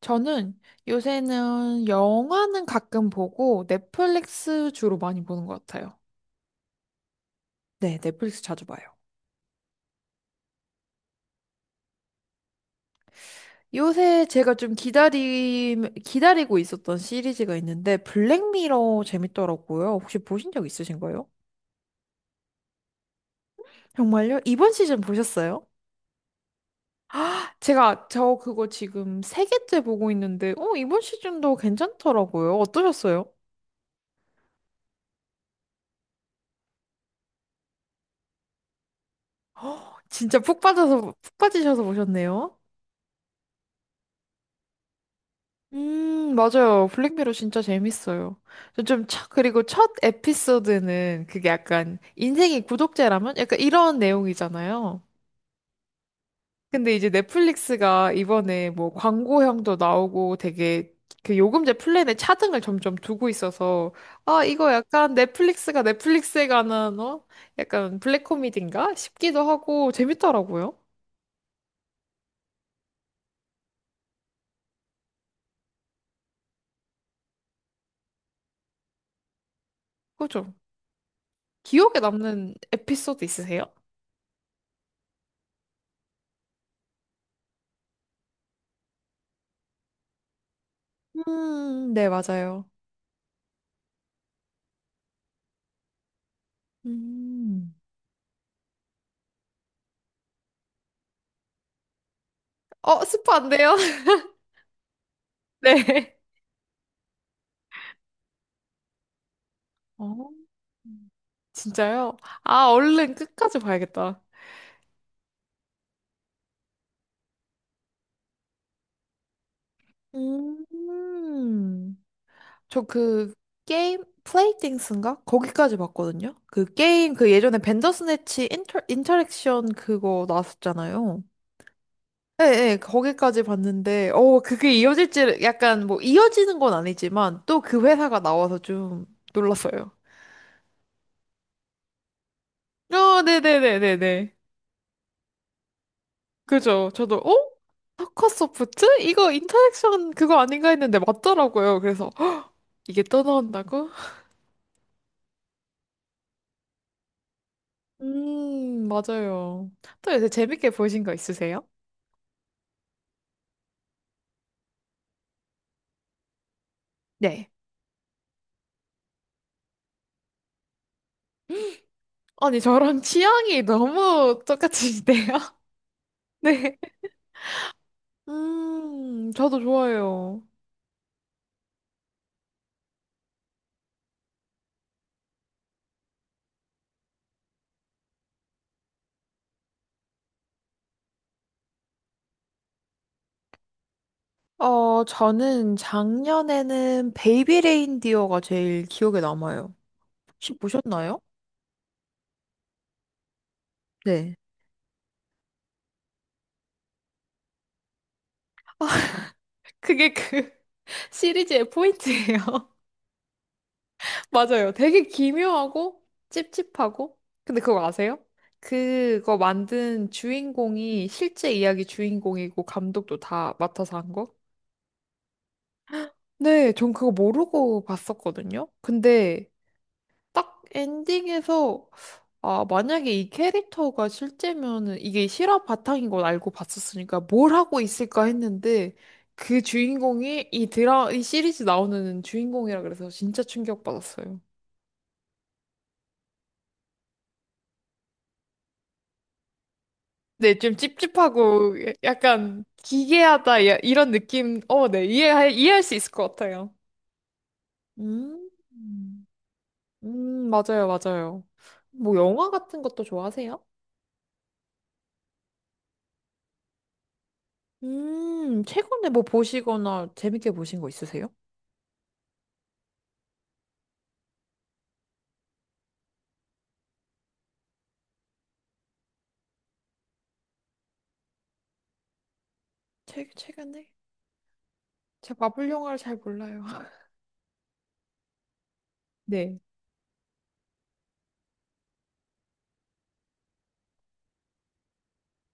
저는 요새는 영화는 가끔 보고 넷플릭스 주로 많이 보는 것 같아요. 네, 넷플릭스 자주 봐요. 요새 제가 좀 기다리고 있었던 시리즈가 있는데 블랙미러 재밌더라고요. 혹시 보신 적 있으신가요? 정말요? 이번 시즌 보셨어요? 제가 저 그거 지금 세 개째 보고 있는데, 이번 시즌도 괜찮더라고요. 어떠셨어요? 진짜 푹 빠지셔서 보셨네요. 맞아요. 블랙미러 진짜 재밌어요. 첫 에피소드는 그게 약간 인생이 구독제라면 약간 이런 내용이잖아요. 근데 이제 넷플릭스가 이번에 뭐 광고형도 나오고 되게 그 요금제 플랜에 차등을 점점 두고 있어서 아, 이거 약간 넷플릭스가 넷플릭스에 관한 어? 약간 블랙 코미디인가 싶기도 하고 재밌더라고요. 그죠? 기억에 남는 에피소드 있으세요? 네, 맞아요. 음. 어, 스포 안 돼요? 네. 어, 진짜요? 아, 얼른 끝까지 봐야겠다. 음, 저 그 게임 플레이띵스인가? 거기까지 봤거든요. 그 게임 그 예전에 벤더스네치 인터랙션 그거 나왔었잖아요. 네, 네, 거기까지 봤는데, 그게 이어질지 약간 뭐 이어지는 건 아니지만 또 그 회사가 나와서 좀 놀랐어요. 어, 네네네네네. 그죠? 저도 어? 타카 소프트? 이거 인터랙션 그거 아닌가 했는데 맞더라고요. 그래서 헉, 이게 또 나온다고? 맞아요. 또 요새 재밌게 보신 거 있으세요? 네. 아니, 저랑 취향이 너무 똑같으시네요. 네. 저도 좋아요. 어, 저는 작년에는 베이비 레인디어가 제일 기억에 남아요. 혹시 보셨나요? 네. 그게 그 시리즈의 포인트예요. 맞아요. 되게 기묘하고 찝찝하고. 근데 그거 아세요? 그거 만든 주인공이 실제 이야기 주인공이고 감독도 다 맡아서 한 거? 네, 전 그거 모르고 봤었거든요. 근데 딱 엔딩에서 아, 만약에 이 캐릭터가 실제면은 이게 실화 바탕인 걸 알고 봤었으니까 뭘 하고 있을까 했는데 그 주인공이 이 시리즈 나오는 주인공이라 그래서 진짜 충격받았어요. 네, 좀 찝찝하고 약간 기괴하다 야- 이런 느낌. 어, 네, 이해할 수 있을 것 같아요. 음, 음, 맞아요, 맞아요. 뭐 영화 같은 것도 좋아하세요? 최근에 뭐 보시거나 재밌게 보신 거 있으세요? 최근에? 제가 마블 영화를 잘 몰라요. 네.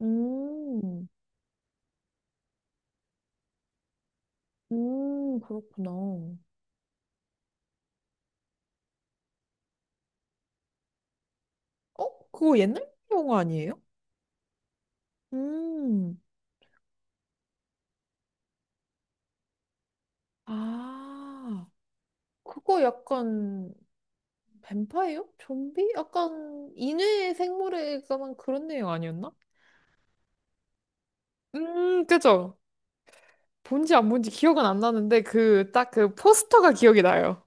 음, 그렇구나. 어, 그거 옛날 영화 아니에요? 음, 아, 그거 약간 뱀파이어? 좀비? 약간 인외 생물에 관한 그런 내용 아니었나? 그죠? 본지 안 본지 기억은 안 나는데 그 딱 그 포스터가 기억이 나요.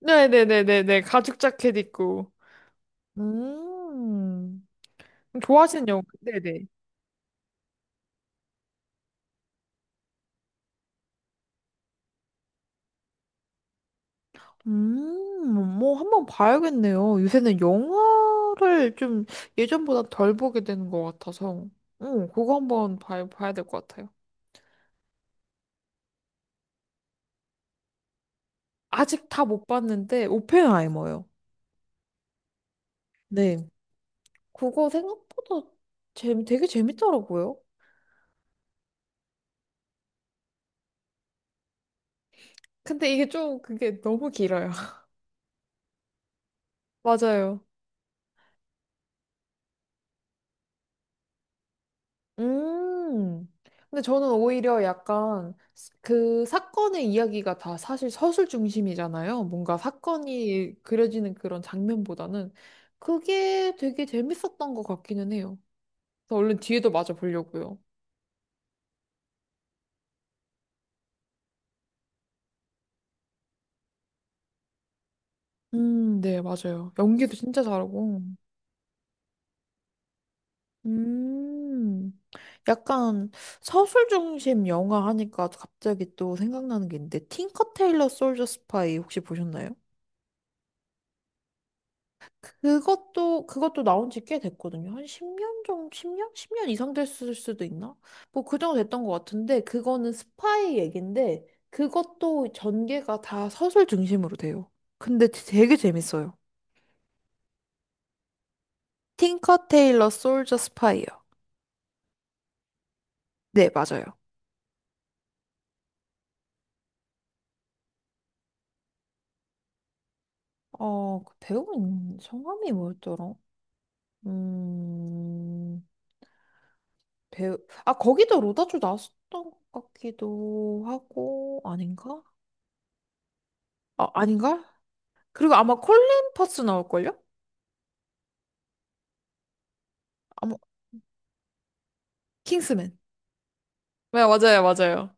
네네네네네 가죽 자켓 입고 음, 좋아하시는 영화. 네네. 뭐 한번 봐야겠네요. 요새는 영화를 좀 예전보다 덜 보게 되는 것 같아서. 응, 봐야 될 것 같아요. 아직 다 못 봤는데, 오펜하이머요. 네. 그거 생각보다 되게 재밌더라고요. 근데 이게 좀 그게 너무 길어요. 맞아요. 음. 근데 저는 오히려 그 사건의 이야기가 다 사실 서술 중심이잖아요. 뭔가 사건이 그려지는 그런 장면보다는 그게 되게 재밌었던 것 같기는 해요. 그래서 얼른 뒤에도 맞아 보려고요. 네, 맞아요. 연기도 진짜 잘하고. 음, 약간 서술 중심 영화 하니까 갑자기 또 생각나는 게 있는데, 틴커 테일러 솔저 스파이 혹시 보셨나요? 그것도 나온 지 꽤 됐거든요. 한 10년 정도, 10년? 10년 이상 됐을 수도 있나? 뭐 그 정도 됐던 것 같은데, 그거는 스파이 얘긴데, 그것도 전개가 다 서술 중심으로 돼요. 근데 되게 재밌어요. 틴커 테일러 솔저 스파이요. 네, 맞아요. 어, 그 배우 인 성함이 뭐였더라? 음, 배우, 아, 거기도 로다주 나왔었던 것 같기도 하고, 아닌가? 아, 아닌가? 그리고 아마 콜린 퍼스 나올걸요? 아마, 킹스맨. 네, 맞아요, 맞아요.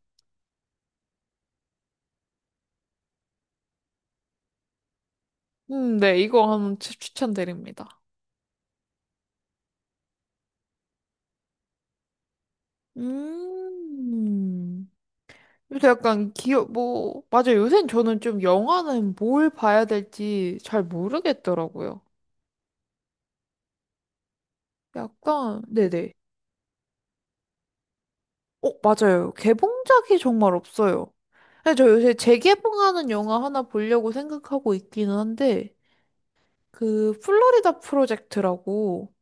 네, 추천드립니다. 음, 요새 약간 기억, 뭐, 맞아요. 요새는 저는 좀 영화는 뭘 봐야 될지 잘 모르겠더라고요. 약간, 네네. 어, 맞아요. 개봉작이 정말 없어요. 근데 저 요새 재개봉하는 영화 하나 보려고 생각하고 있기는 한데, 그, 플로리다 프로젝트라고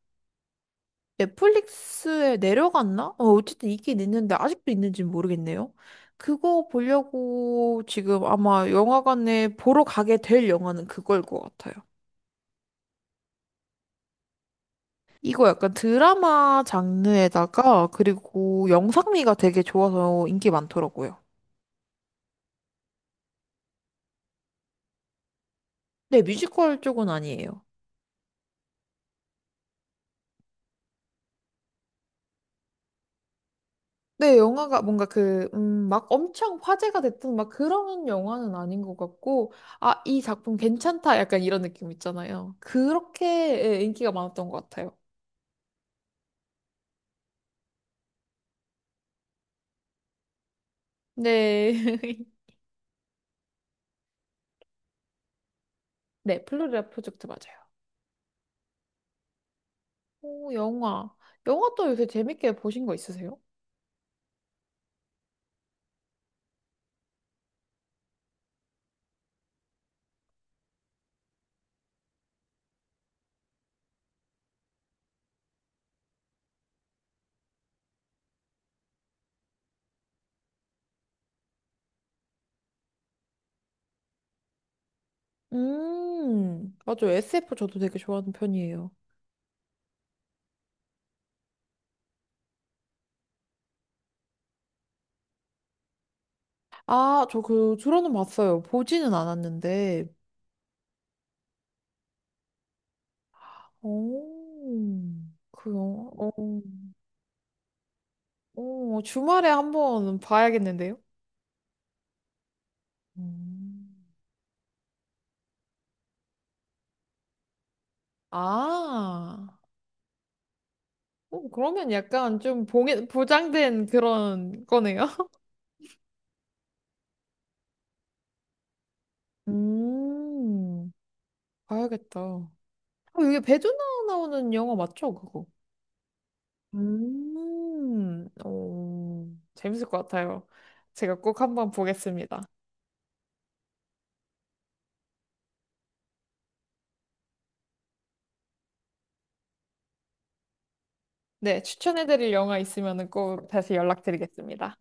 넷플릭스에 내려갔나? 어, 어쨌든 있긴 있는데, 아직도 있는지 는 모르겠네요. 그거 보려고 지금 아마 영화관에 보러 가게 될 영화는 그거일 것 같아요. 이거 약간 드라마 장르에다가, 그리고 영상미가 되게 좋아서 인기 많더라고요. 네, 뮤지컬 쪽은 아니에요. 네, 영화가 뭔가 그, 막 엄청 화제가 됐던 막 그런 영화는 아닌 것 같고, 아, 이 작품 괜찮다. 약간 이런 느낌 있잖아요. 그렇게 예, 인기가 많았던 것 같아요. 네. 네, 플로리다 프로젝트 맞아요. 오, 영화. 영화 또 요새 재밌게 보신 거 있으세요? 맞아요. SF 저도 되게 좋아하는 편이에요. 아, 저 그, 들어는 봤어요. 보지는 않았는데. 오, 그 영화, 어. 오, 주말에 한번 봐야겠는데요? 음. 아, 오, 그러면 약간 보장된 그런 거네요? 음, 봐야겠다. 어, 이게 배두나 나오는 영화 맞죠, 그거? 오, 재밌을 것 같아요. 제가 꼭 한번 보겠습니다. 네, 추천해드릴 영화 있으면 꼭 다시 연락드리겠습니다.